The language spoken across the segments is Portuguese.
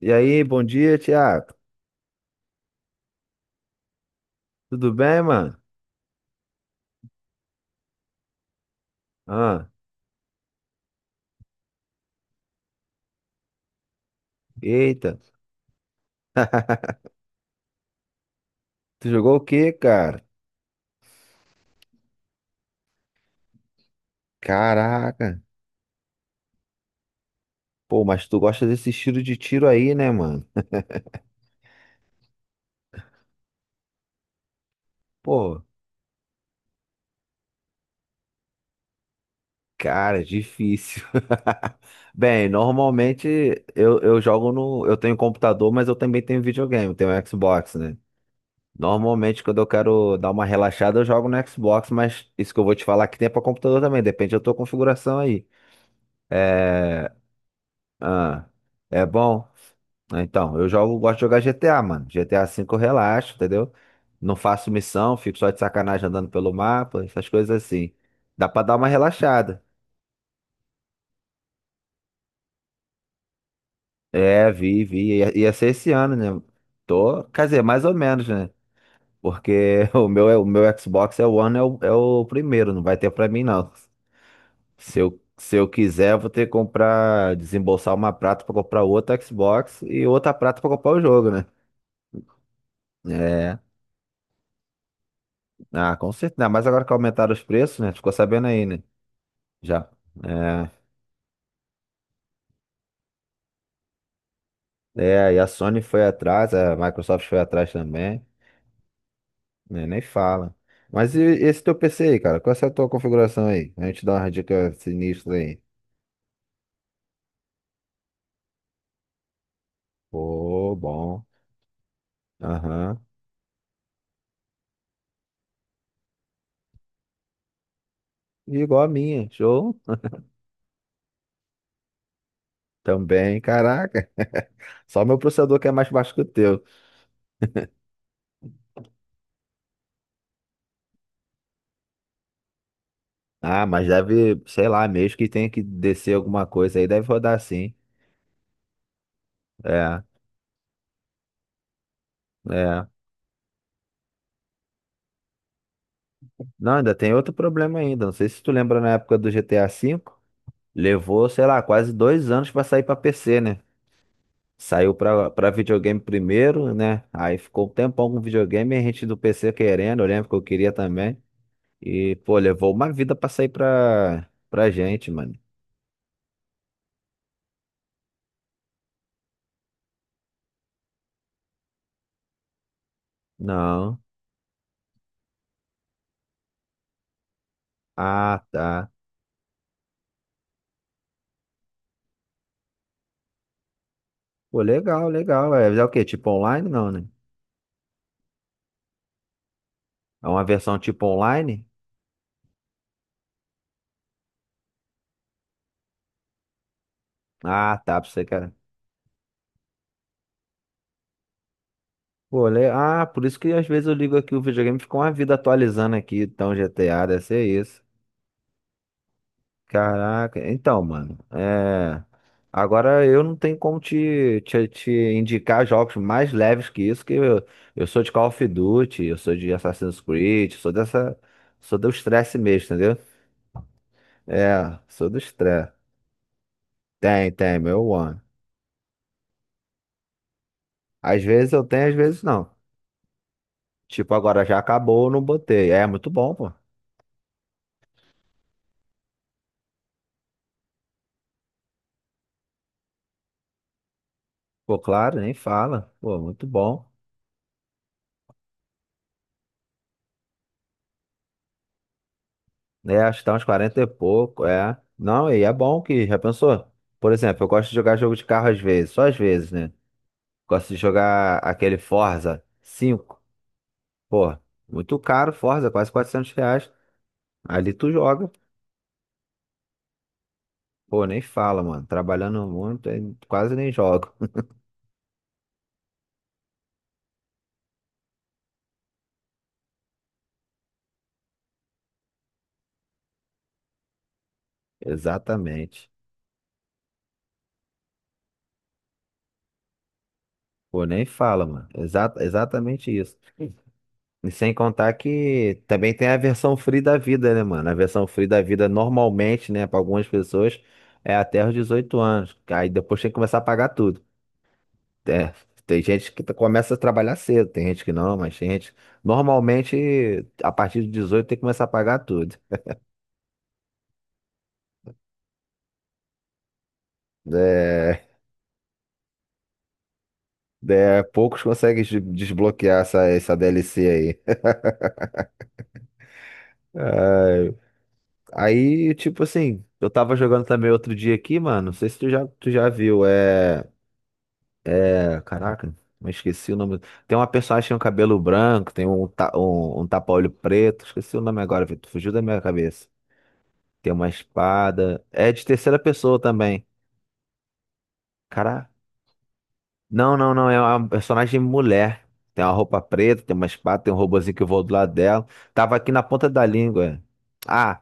E aí, bom dia, Thiago. Tudo bem, mano? Ah, eita. Tu jogou o quê, cara? Caraca. Pô, mas tu gosta desse estilo de tiro aí, né, mano? Pô, cara, é difícil. Bem, normalmente eu jogo no. Eu tenho computador, mas eu também tenho videogame, tenho Xbox, né? Normalmente, quando eu quero dar uma relaxada, eu jogo no Xbox, mas isso que eu vou te falar que tem pra computador também, depende da tua configuração aí. É. Ah, é bom? Ah, então, eu jogo, gosto de jogar GTA, mano. GTA V eu relaxo, entendeu? Não faço missão, fico só de sacanagem andando pelo mapa, essas coisas assim. Dá pra dar uma relaxada. É, vi, vi. Ia ser esse ano, né? Tô, quer dizer, mais ou menos, né? Porque o meu Xbox é o One, é o primeiro, não vai ter pra mim, não. Se eu quiser, eu vou ter que comprar, desembolsar uma prata pra comprar outra Xbox e outra prata pra comprar o jogo, né? É. Ah, com certeza. Mas agora que aumentaram os preços, né? Tu ficou sabendo aí, né? Já. É, é, e a Sony foi atrás, a Microsoft foi atrás também, né? Nem fala. Mas e esse teu PC aí, cara? Qual é a tua configuração aí? A gente dá uma dica sinistra aí. Pô, bom. Aham. Igual a minha, show. Também, caraca. Só meu processador que é mais baixo que o teu. Ah, mas deve, sei lá, mesmo que tenha que descer alguma coisa aí, deve rodar sim. É, é. Não, ainda tem outro problema ainda. Não sei se tu lembra na época do GTA V, levou, sei lá, quase dois anos pra sair pra PC, né? Saiu pra, pra videogame primeiro, né? Aí ficou um tempão com videogame, e a gente do PC querendo, eu lembro que eu queria também. E, pô, levou uma vida pra sair pra, pra gente, mano. Não. Ah, tá. Pô, legal, legal. É, é o quê? Tipo online? Não, né? É uma versão tipo online? Ah, tá, pra você que pô, le- ah, por isso que às vezes eu ligo aqui o videogame e fica uma vida atualizando aqui, então GTA deve ser isso. Caraca, então, mano, é... agora eu não tenho como te indicar jogos mais leves que isso, que eu sou de Call of Duty, eu sou de Assassin's Creed, sou dessa, sou do estresse mesmo, entendeu? É, sou do estresse. Tem, tem, meu one. Às vezes eu tenho, às vezes não. Tipo, agora já acabou, eu não botei. É, muito bom, pô. Pô, claro, nem fala. Pô, muito bom. É, acho que tá uns 40 e pouco, é. Não, e é bom que, já pensou? Por exemplo, eu gosto de jogar jogo de carro às vezes, só às vezes, né? Gosto de jogar aquele Forza cinco. Pô, muito caro Forza, quase 400 reais. Ali tu joga. Pô, nem fala, mano. Trabalhando muito, aí quase nem jogo. Exatamente. Pô, nem fala, mano. Exa- exatamente isso. E sem contar que também tem a versão free da vida, né, mano? A versão free da vida normalmente, né, para algumas pessoas é até os 18 anos. Aí depois tem que começar a pagar tudo. É, tem gente que começa a trabalhar cedo, tem gente que não, mas tem gente. Normalmente, a partir de 18 tem que começar a pagar tudo. É, é, poucos conseguem des- desbloquear essa, essa DLC aí. Aí, tipo assim, eu tava jogando também outro dia aqui, mano. Não sei se tu já viu. É. É, caraca, mas esqueci o nome. Tem uma personagem que tem um cabelo branco, tem um tapa-olho preto. Esqueci o nome agora, Vitor. Fugiu da minha cabeça. Tem uma espada. É de terceira pessoa também. Cara, não. É uma personagem mulher. Tem uma roupa preta, tem uma espada, tem um robozinho que voa do lado dela. Tava aqui na ponta da língua. Ah,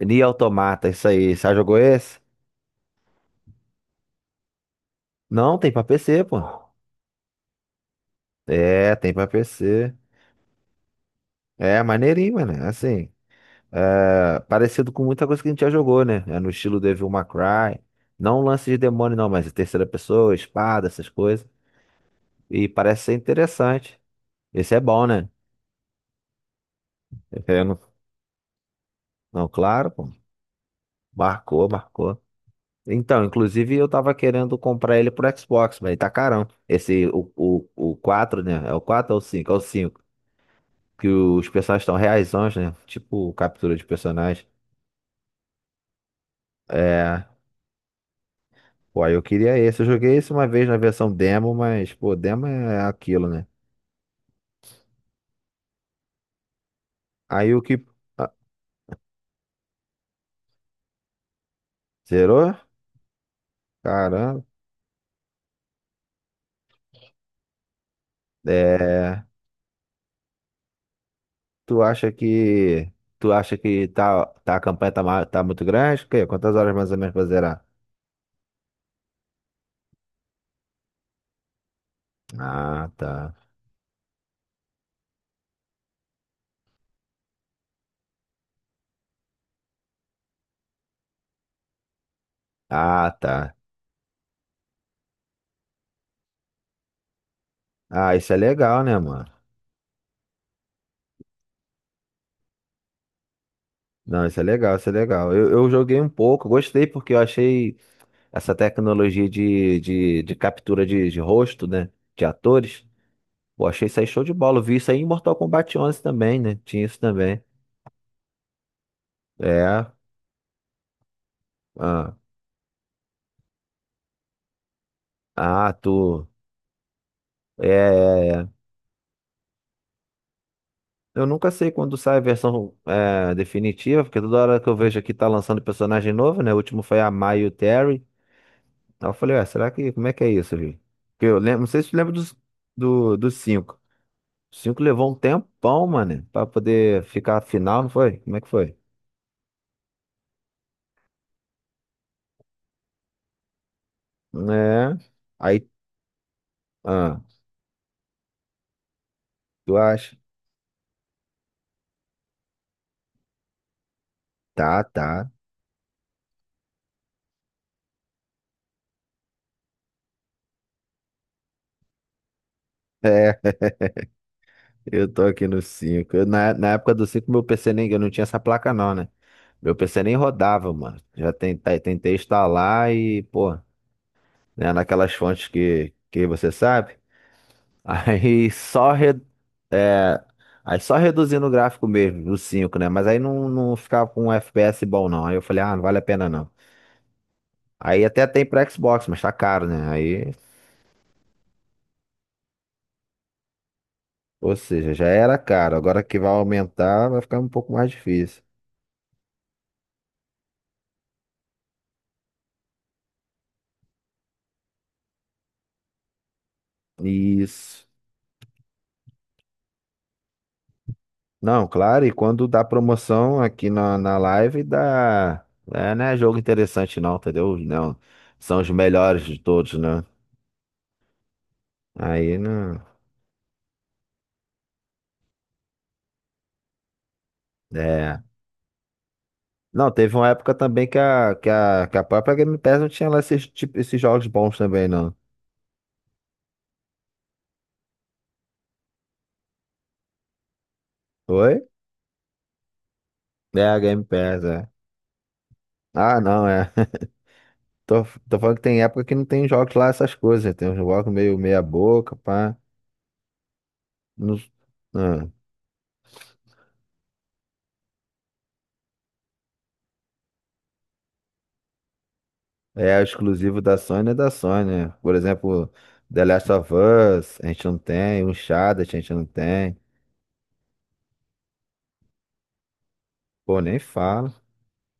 Nier Automata, isso aí. Você já jogou esse? Não, tem pra PC, pô. É, tem pra PC. É, maneirinho, mano. Assim. É, parecido com muita coisa que a gente já jogou, né? É no estilo Devil May Cry. Não um lance de demônio, não, mas terceira pessoa, espada, essas coisas. E parece ser interessante. Esse é bom, né? Eu não, não, claro, pô. Marcou, marcou. Então, inclusive eu tava querendo comprar ele pro Xbox, mas ele tá carão. Esse, o 4, né? É o 4 ou o 5? É o 5. Que os personagens estão reaisões, né? Tipo captura de personagem. É. Pô, aí eu queria esse. Eu joguei esse uma vez na versão demo, mas, pô, demo é aquilo, né? Aí o que. Ah, zerou? Caramba. É. Tu acha que. Tu acha que a campanha tá, ma- tá muito grande? O quê? Quantas horas mais ou menos pra zerar? Ah, tá. Ah, tá. Ah, isso é legal, né, mano? Não, isso é legal, isso é legal. Eu joguei um pouco, gostei porque eu achei essa tecnologia de captura de rosto, né? De atores. Pô, achei isso aí show de bola. Eu vi isso aí em Mortal Kombat 11 também, né? Tinha isso também. É. Ah, ah tu. É, é, é. Eu nunca sei quando sai a versão é, definitiva, porque toda hora que eu vejo aqui tá lançando personagem novo, né? O último foi a Mai e o Terry. Aí eu falei, ué, será que. Como é que é isso, gente? Porque eu lembro, não sei se tu lembra dos, dos cinco. Os cinco levou um tempão, mano, pra poder ficar a final, não foi? Como é que foi? É. Aí. Ah, tu acha? Tá, tá. Eu tô aqui no 5. Eu, na época do 5, meu PC nem. Eu não tinha essa placa, não, né? Meu PC nem rodava, mano. Já tentei, tentei instalar e, pô, né, naquelas fontes que você sabe. Aí só, re, é, aí só reduzindo o gráfico mesmo, do 5, né? Mas aí não, não ficava com um FPS bom, não. Aí eu falei, ah, não vale a pena, não. Aí até tem pra Xbox, mas tá caro, né? Aí, ou seja, já era caro. Agora que vai aumentar, vai ficar um pouco mais difícil. Isso. Não, claro, e quando dá promoção aqui na, na live, dá. É, não é jogo interessante, não, entendeu? Não, são os melhores de todos, né? Aí não. É. Não, teve uma época também que que a própria Game Pass não tinha lá esses, tipo, esses jogos bons também, não. Oi? É, a Game Pass, é. Ah, não, é. Tô falando que tem época que não tem jogos lá, essas coisas. Tem uns jogos meio meia boca, pá. Não, ah. É exclusivo da Sony, é da Sony. Né? Por exemplo, The Last of Us, a gente não tem. Uncharted, a gente não tem. Pô, nem fala.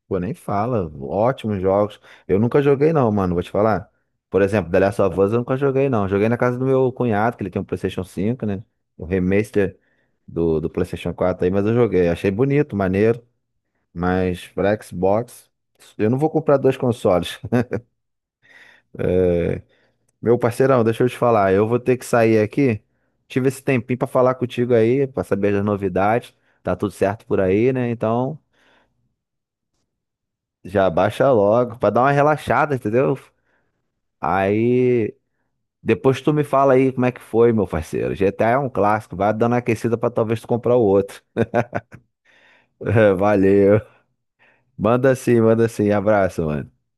Pô, nem fala. Ótimos jogos. Eu nunca joguei não, mano, vou te falar. Por exemplo, The Last of Us eu nunca joguei não. Joguei na casa do meu cunhado, que ele tem um PlayStation 5, né? O remaster do, do PlayStation 4 aí, mas eu joguei. Achei bonito, maneiro. Mas pra Xbox, eu não vou comprar dois consoles. Meu parceirão, deixa eu te falar, eu vou ter que sair aqui. Tive esse tempinho pra falar contigo aí, pra saber das novidades. Tá tudo certo por aí, né? Então, já baixa logo pra dar uma relaxada, entendeu? Aí, depois tu me fala aí como é que foi, meu parceiro. GTA é um clássico, vai dando uma aquecida pra talvez tu comprar o outro. Valeu. Manda sim, manda sim. Abraço, mano.